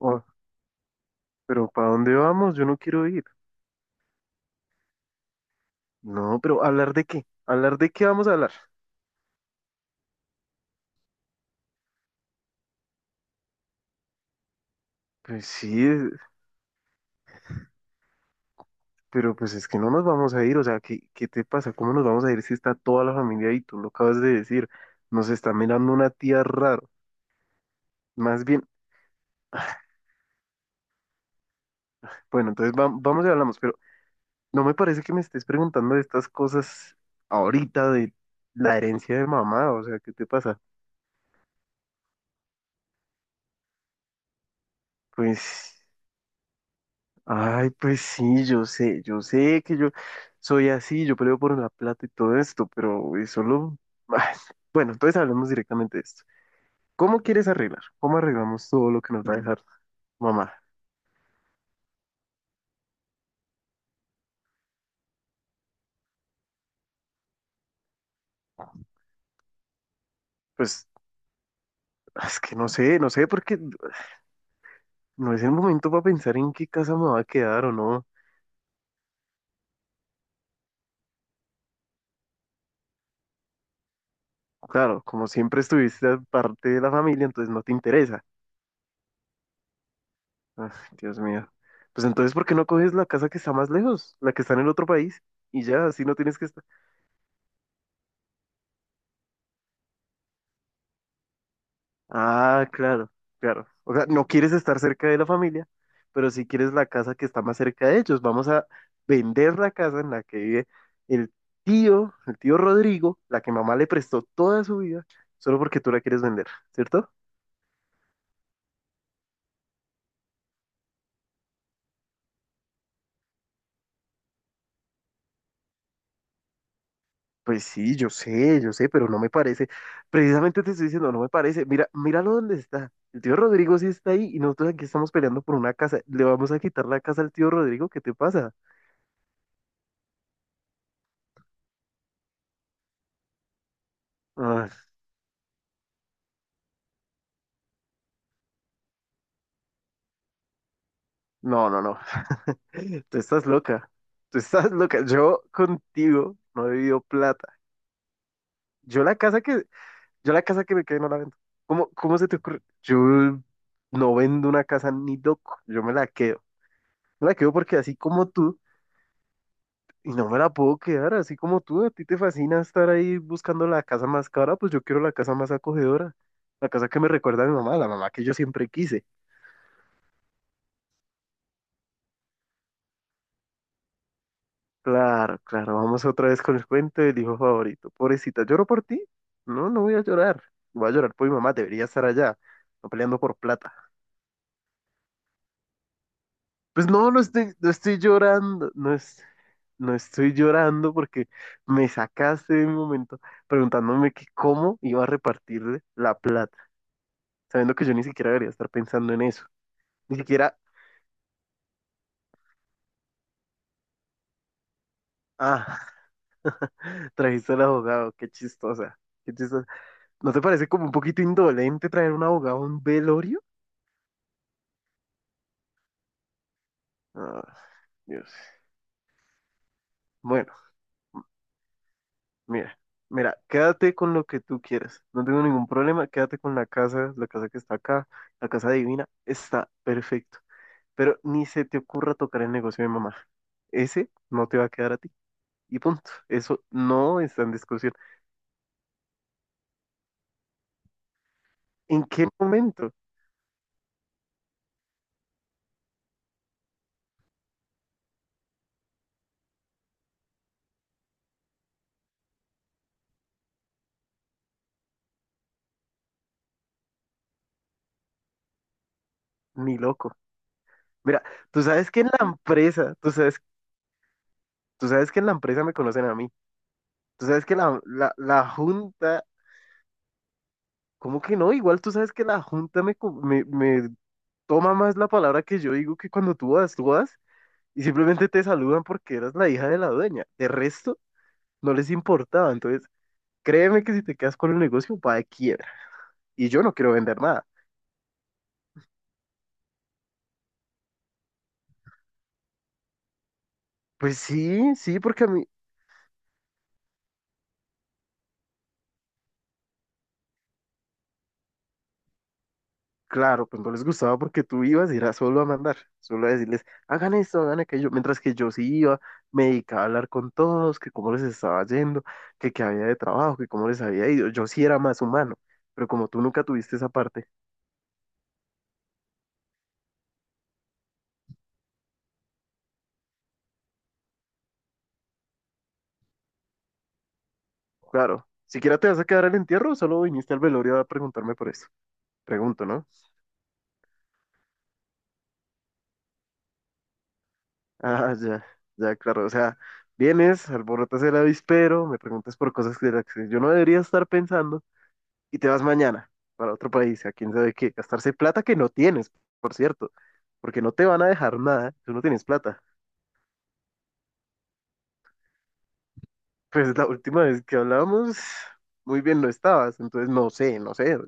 Oh, pero ¿para dónde vamos? Yo no quiero ir. No, pero ¿hablar de qué? ¿Hablar de qué vamos a hablar? Pues sí, pero pues es que no nos vamos a ir. O sea, ¿qué te pasa? ¿Cómo nos vamos a ir si está toda la familia ahí? Tú lo acabas de decir. Nos está mirando una tía raro. Más bien, bueno, entonces vamos y hablamos, pero no me parece que me estés preguntando de estas cosas ahorita de la herencia de mamá. O sea, ¿qué te pasa? Pues. Ay, pues sí, yo sé que yo soy así, yo peleo por la plata y todo esto, pero es solo ay, bueno, entonces hablemos directamente de esto. ¿Cómo quieres arreglar? ¿Cómo arreglamos todo lo que nos va a dejar mamá? Pues es que no sé, porque no es el momento para pensar en qué casa me va a quedar o no. Claro, como siempre estuviste parte de la familia, entonces no te interesa. Ay, Dios mío. Pues entonces, ¿por qué no coges la casa que está más lejos, la que está en el otro país? Y ya, así no tienes que estar. Ah, claro. O sea, no quieres estar cerca de la familia, pero sí quieres la casa que está más cerca de ellos. Vamos a vender la casa en la que vive el el tío Rodrigo, la que mamá le prestó toda su vida, solo porque tú la quieres vender, ¿cierto? Pues sí, yo sé, pero no me parece. Precisamente te estoy diciendo, no me parece. Mira, míralo dónde está. El tío Rodrigo sí está ahí y nosotros aquí estamos peleando por una casa. Le vamos a quitar la casa al tío Rodrigo, ¿qué te pasa? Ah, no, no, no. Tú estás loca. Tú estás loca. Yo contigo no he vivido plata. Yo la casa que, yo la casa que me quedé no la vendo. ¿Cómo se te ocurre? Yo no vendo una casa ni loco. Yo me la quedo. Me la quedo porque así como tú, y no me la puedo quedar, así como tú, a ti te fascina estar ahí buscando la casa más cara, pues yo quiero la casa más acogedora. La casa que me recuerda a mi mamá, la mamá que yo siempre quise. Claro, claro, vamos otra vez con el cuento del hijo favorito. Pobrecita, ¿lloro por ti? No, no voy a llorar. Voy a llorar por mi mamá, debería estar allá, no peleando por plata. Pues no, no estoy llorando, no estoy llorando porque me sacaste de un momento preguntándome que cómo iba a repartirle la plata, sabiendo que yo ni siquiera debería estar pensando en eso. Ni siquiera, ah, trajiste al abogado, qué chistosa. ¿No te parece como un poquito indolente traer un abogado a un velorio? Ah. Dios. Bueno, mira, mira, quédate con lo que tú quieras. No tengo ningún problema, quédate con la casa que está acá, la casa divina, está perfecto. Pero ni se te ocurra tocar el negocio de mamá. Ese no te va a quedar a ti. Y punto. Eso no está en discusión. ¿En qué momento? Ni loco. Mira, tú sabes que en la empresa, tú sabes, tú sabes que en la empresa me conocen a mí. Tú sabes que la junta, ¿cómo que no? Igual tú sabes que la junta me toma más la palabra que yo digo que cuando tú vas y simplemente te saludan porque eras la hija de la dueña. De resto, no les importaba. Entonces, créeme que si te quedas con el negocio, va de quiebra. Y yo no quiero vender nada. Pues sí, porque a mí, claro, pues no les gustaba porque tú ibas y era solo a mandar, solo a decirles, hagan esto, hagan aquello. Mientras que yo sí iba, me dedicaba a hablar con todos, que cómo les estaba yendo, que qué había de trabajo, que cómo les había ido. Yo sí era más humano, pero como tú nunca tuviste esa parte, claro. ¿Siquiera te vas a quedar al entierro o solo viniste al velorio a preguntarme por eso? Pregunto, ¿no? Ah, ya, ya, claro. O sea, vienes, alborotas el avispero, me preguntas por cosas que de las que yo no debería estar pensando y te vas mañana para otro país, a quién sabe qué, gastarse plata que no tienes, por cierto, porque no te van a dejar nada, tú no tienes plata. Pues la última vez que hablábamos, muy bien no estabas, entonces no sé.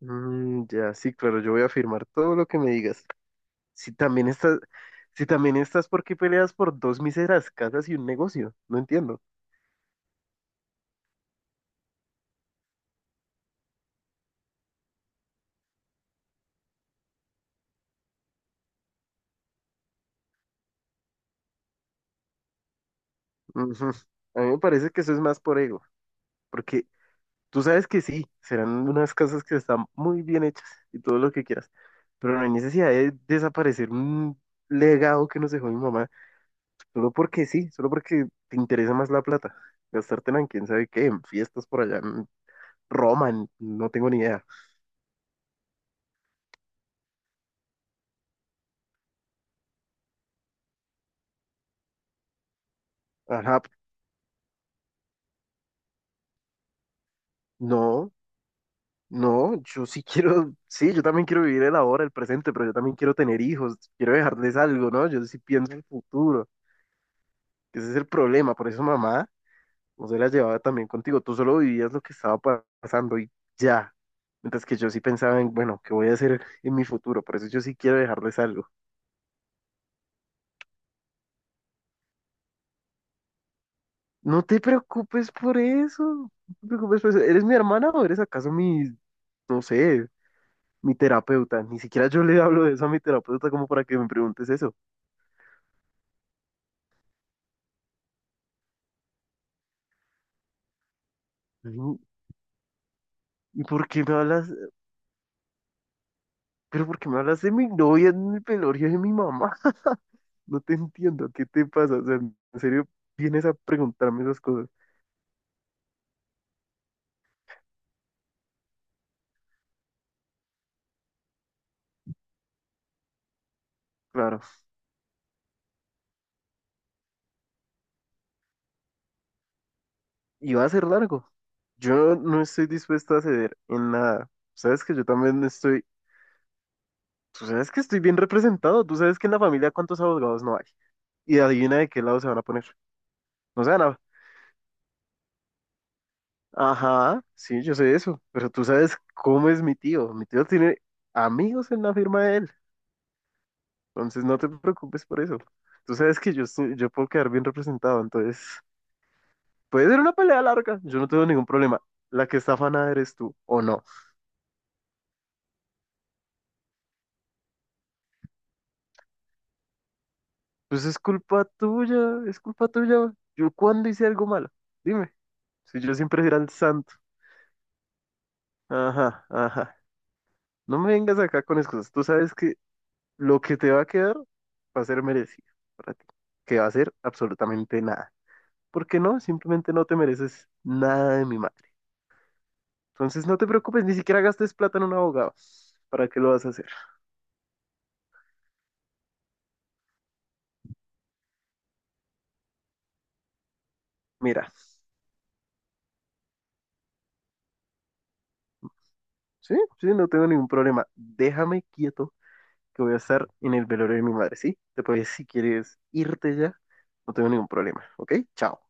Mm, ya, sí, claro, yo voy a firmar todo lo que me digas. Si también estás, si también estás, ¿por qué peleas por dos míseras casas y un negocio? No entiendo. Ujú. A mí me parece que eso es más por ego, porque tú sabes que sí, serán unas casas que están muy bien hechas y todo lo que quieras, pero no hay necesidad de desaparecer un legado que nos dejó mi mamá, solo porque sí, solo porque te interesa más la plata. Gastártela en quién sabe qué, en fiestas por allá, en Roma, no tengo ni idea. Ajá, no. No, yo sí quiero, sí, yo también quiero vivir el ahora, el presente, pero yo también quiero tener hijos, quiero dejarles algo, ¿no? Yo sí pienso en el futuro, que ese es el problema, por eso mamá no se la llevaba también contigo, tú solo vivías lo que estaba pasando y ya, mientras que yo sí pensaba en, bueno, ¿qué voy a hacer en mi futuro? Por eso yo sí quiero dejarles algo. No te preocupes por eso, no te preocupes por eso, ¿eres mi hermana o eres acaso mi, no sé, mi terapeuta? Ni siquiera yo le hablo de eso a mi terapeuta como para que me preguntes eso. ¿Por qué me hablas? Pero ¿por qué me hablas de mi novia, de mi velorio, de mi mamá? No te entiendo, ¿qué te pasa? O sea, en serio, vienes a preguntarme esas cosas. Claro, y va a ser largo. Yo no estoy dispuesto a ceder en nada. Sabes que yo también estoy, tú sabes que estoy bien representado, tú sabes que en la familia cuántos abogados no hay. Y adivina de qué lado se van a poner. No se van a... Ajá, sí, yo sé eso, pero tú sabes cómo es mi tío. Mi tío tiene amigos en la firma de él. Entonces no te preocupes por eso. Tú sabes que yo estoy, yo puedo quedar bien representado, entonces puede ser una pelea larga, yo no tengo ningún problema. La que está afanada eres tú, o no. Pues es culpa tuya. ¿Yo cuándo hice algo malo? Dime, si yo siempre era el santo. Ajá, ajá. No me vengas acá con excusas. Tú sabes que lo que te va a quedar va a ser merecido para ti, que va a ser absolutamente nada. ¿Por qué no? Simplemente no te mereces nada de mi madre. Entonces no te preocupes, ni siquiera gastes plata en un abogado. ¿Para qué lo vas a hacer? Mira, sí, no tengo ningún problema. Déjame quieto que voy a estar en el velorio de mi madre, ¿sí? Te puedes, si quieres irte ya, no tengo ningún problema, ¿ok? Chao.